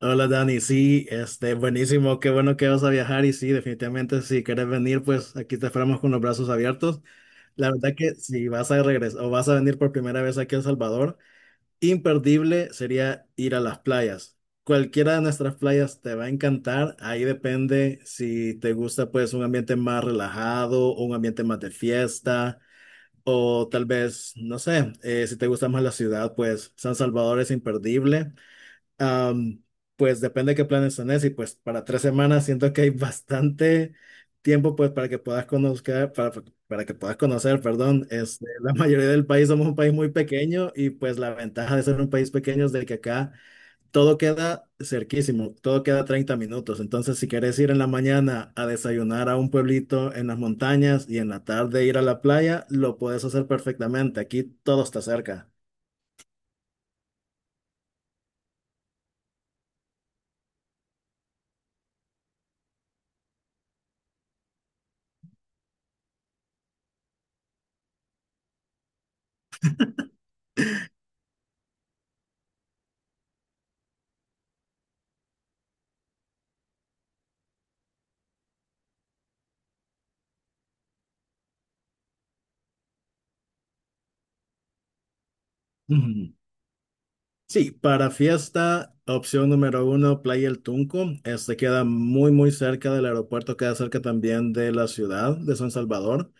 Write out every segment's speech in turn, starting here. Hola Dani, sí, buenísimo, qué bueno que vas a viajar y sí, definitivamente si quieres venir, pues aquí te esperamos con los brazos abiertos. La verdad que si vas a regresar o vas a venir por primera vez aquí a El Salvador, imperdible sería ir a las playas. Cualquiera de nuestras playas te va a encantar, ahí depende si te gusta pues un ambiente más relajado, o un ambiente más de fiesta o tal vez, no sé, si te gusta más la ciudad, pues San Salvador es imperdible. Am, pues depende de qué planes tenés y pues para 3 semanas siento que hay bastante tiempo pues para que puedas conocer, para que puedas conocer, perdón, la mayoría del país somos un país muy pequeño y pues la ventaja de ser un país pequeño es de que acá todo queda cerquísimo, todo queda 30 minutos, entonces si querés ir en la mañana a desayunar a un pueblito en las montañas y en la tarde ir a la playa, lo puedes hacer perfectamente, aquí todo está cerca. Ujú. Sí, para fiesta, opción número 1, Playa El Tunco. Este queda muy, muy cerca del aeropuerto, queda cerca también de la ciudad de San Salvador.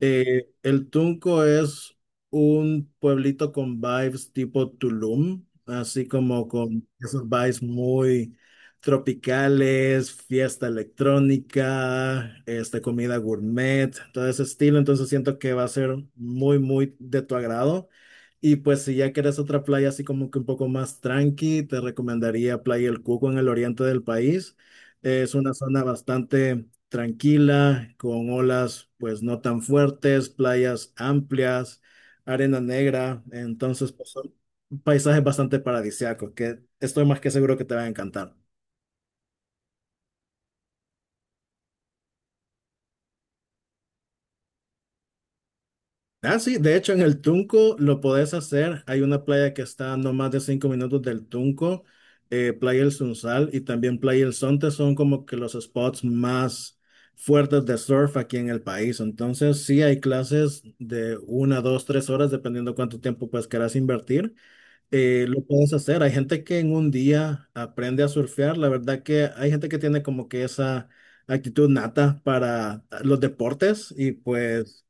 El Tunco es un pueblito con vibes tipo Tulum, así como con esos vibes muy tropicales, fiesta electrónica, comida gourmet, todo ese estilo. Entonces siento que va a ser muy, muy de tu agrado. Y pues si ya quieres otra playa así como que un poco más tranqui, te recomendaría Playa El Cuco en el oriente del país. Es una zona bastante tranquila, con olas pues no tan fuertes, playas amplias, arena negra, entonces pues, son paisajes bastante paradisíacos que estoy más que seguro que te va a encantar. Ah, sí, de hecho en el Tunco lo podés hacer, hay una playa que está a no más de 5 minutos del Tunco, Playa El Sunsal y también Playa El Sonte son como que los spots más fuertes de surf aquí en el país. Entonces, sí hay clases de 1, 2, 3 horas, dependiendo cuánto tiempo pues querás invertir. Lo puedes hacer. Hay gente que en un día aprende a surfear. La verdad que hay gente que tiene como que esa actitud nata para los deportes y pues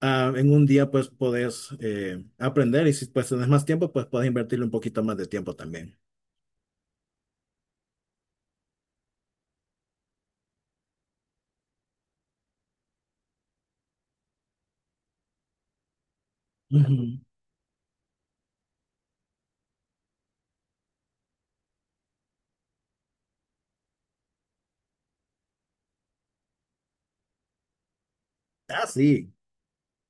ah, en un día pues podés aprender y si pues tenés más tiempo pues podés invertirle un poquito más de tiempo también. Ujú. Ah, sí,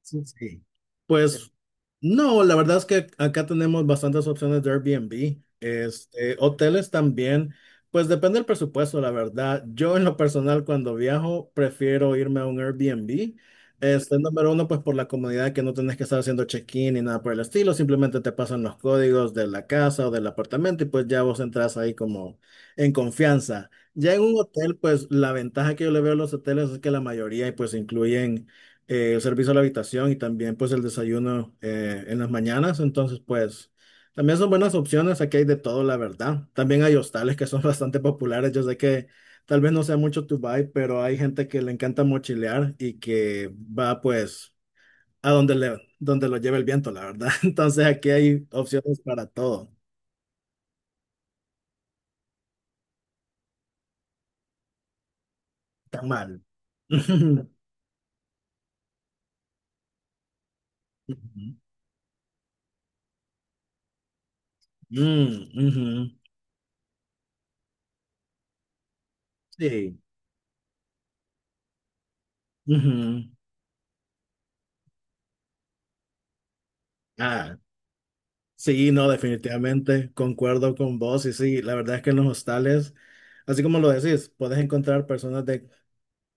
sí, sí. Pues no, la verdad es que acá tenemos bastantes opciones de Airbnb. Hoteles también, pues depende del presupuesto, la verdad. Yo en lo personal cuando viajo prefiero irme a un Airbnb. Número 1, pues por la comodidad que no tenés que estar haciendo check-in ni nada por el estilo, simplemente te pasan los códigos de la casa o del apartamento y pues ya vos entras ahí como en confianza. Ya en un hotel, pues la ventaja que yo le veo a los hoteles es que la mayoría pues incluyen el servicio a la habitación y también pues el desayuno en las mañanas. Entonces pues también son buenas opciones, aquí hay de todo, la verdad. También hay hostales que son bastante populares, yo sé que tal vez no sea mucho tu vibe, pero hay gente que le encanta mochilear y que va pues a donde lo lleve el viento, la verdad. Entonces aquí hay opciones para todo, tan mal. Ujú, ujú, ujú, sí. Ujú. Ah. Sí, no, definitivamente, concuerdo con vos y sí, la verdad es que en los hostales, así como lo decís, puedes encontrar personas de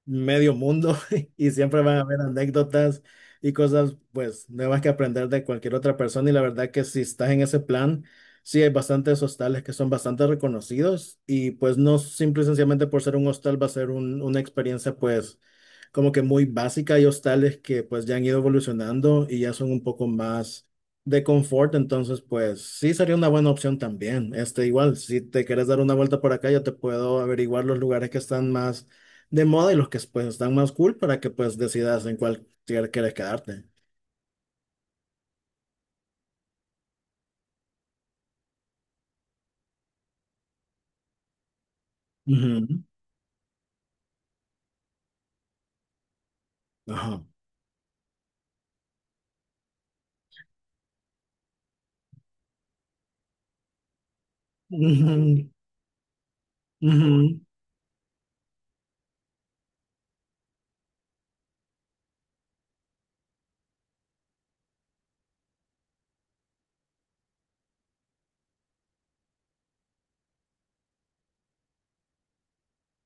medio mundo y siempre van a haber anécdotas y cosas pues nuevas que aprender de cualquier otra persona y la verdad que si estás en ese plan, sí hay bastantes hostales que son bastante reconocidos y pues no simple y sencillamente por ser un hostal va a ser una experiencia pues como que muy básica. Hay hostales que pues ya han ido evolucionando y ya son un poco más de confort, entonces pues sí sería una buena opción también. Igual, si te quieres dar una vuelta por acá, yo te puedo averiguar los lugares que están más de moda y los que pues están más cool para que pues decidas en cuál quieres quedarte. Ujú, ajá. Ujú, ujú.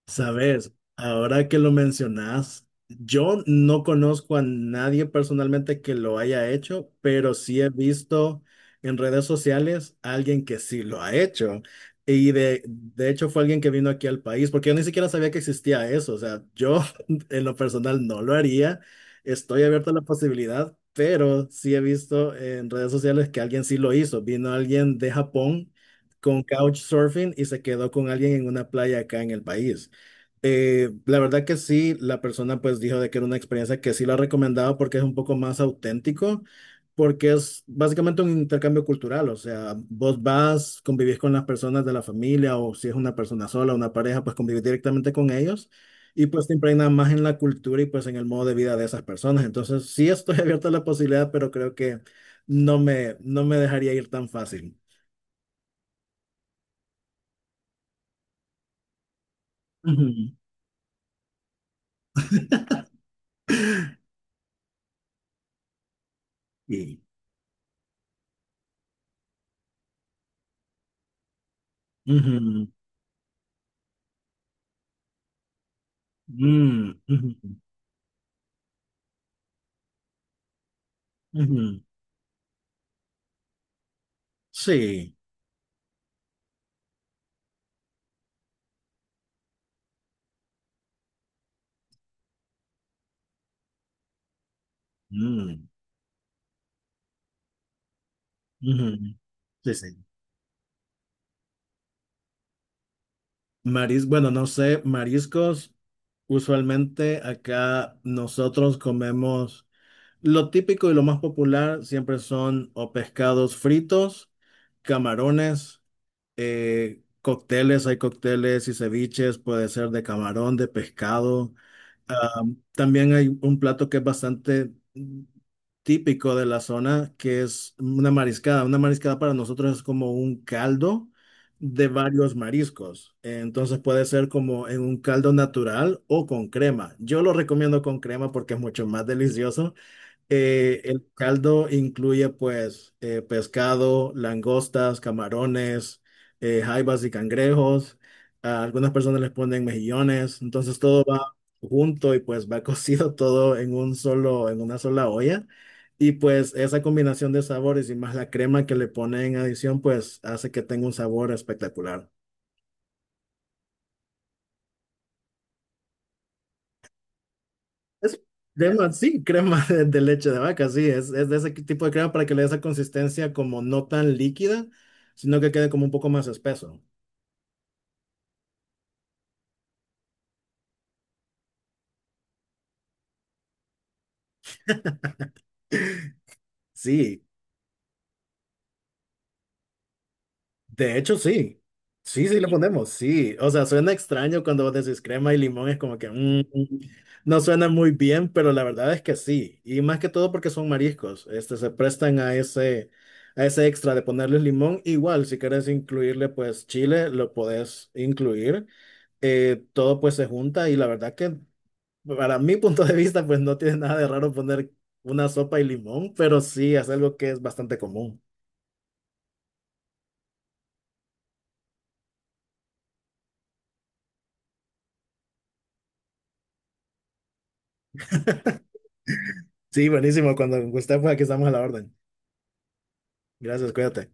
Sabes, ahora que lo mencionas, yo no conozco a nadie personalmente que lo haya hecho, pero sí he visto en redes sociales a alguien que sí lo ha hecho. Y de hecho fue alguien que vino aquí al país, porque yo ni siquiera sabía que existía eso. O sea, yo en lo personal no lo haría. Estoy abierto a la posibilidad, pero sí he visto en redes sociales que alguien sí lo hizo. Vino alguien de Japón con couchsurfing y se quedó con alguien en una playa acá en el país. La verdad que sí, la persona pues dijo de que era una experiencia que sí la recomendaba porque es un poco más auténtico, porque es básicamente un intercambio cultural, o sea, vos vas, convivís con las personas de la familia o si es una persona sola, una pareja, pues convivís directamente con ellos y pues te impregnas más en la cultura y pues en el modo de vida de esas personas. Entonces sí estoy abierto a la posibilidad, pero creo que no me dejaría ir tan fácil. Ujú, sí. Ujú, mm, ujú, ujú. Sí. Mm, ujú. Sí, sí. Bueno, no sé, mariscos, usualmente acá nosotros comemos lo típico y lo más popular siempre son o pescados fritos, camarones. Cócteles, hay cócteles y ceviches, puede ser de camarón, de pescado. Ah, también hay un plato que es bastante típico de la zona, que es una mariscada. Una mariscada para nosotros es como un caldo de varios mariscos. Entonces puede ser como en un caldo natural o con crema. Yo lo recomiendo con crema porque es mucho más delicioso. El caldo incluye pues pescado, langostas, camarones, jaibas y cangrejos. A algunas personas les ponen mejillones, entonces todo va junto y pues va cocido todo en en una sola olla. Y pues esa combinación de sabores y más la crema que le ponen en adición pues hace que tenga un sabor espectacular. Es crema, sí, crema de leche de vaca, sí, es de ese tipo de crema para que le dé esa consistencia como no tan líquida, sino que quede como un poco más espeso. Sí, de hecho sí, sí, sí le ponemos, sí, o sea, suena extraño cuando vos decís crema y limón, es como que no suena muy bien, pero la verdad es que sí, y más que todo porque son mariscos, este, se prestan a ese, extra de ponerles limón, igual si querés incluirle pues chile, lo podés incluir. Todo pues se junta y la verdad que para mi punto de vista pues no tiene nada de raro poner una sopa y limón, pero sí es algo que es bastante común. Sí, buenísimo, cuando usted pues aquí estamos a la orden. Gracias, cuídate.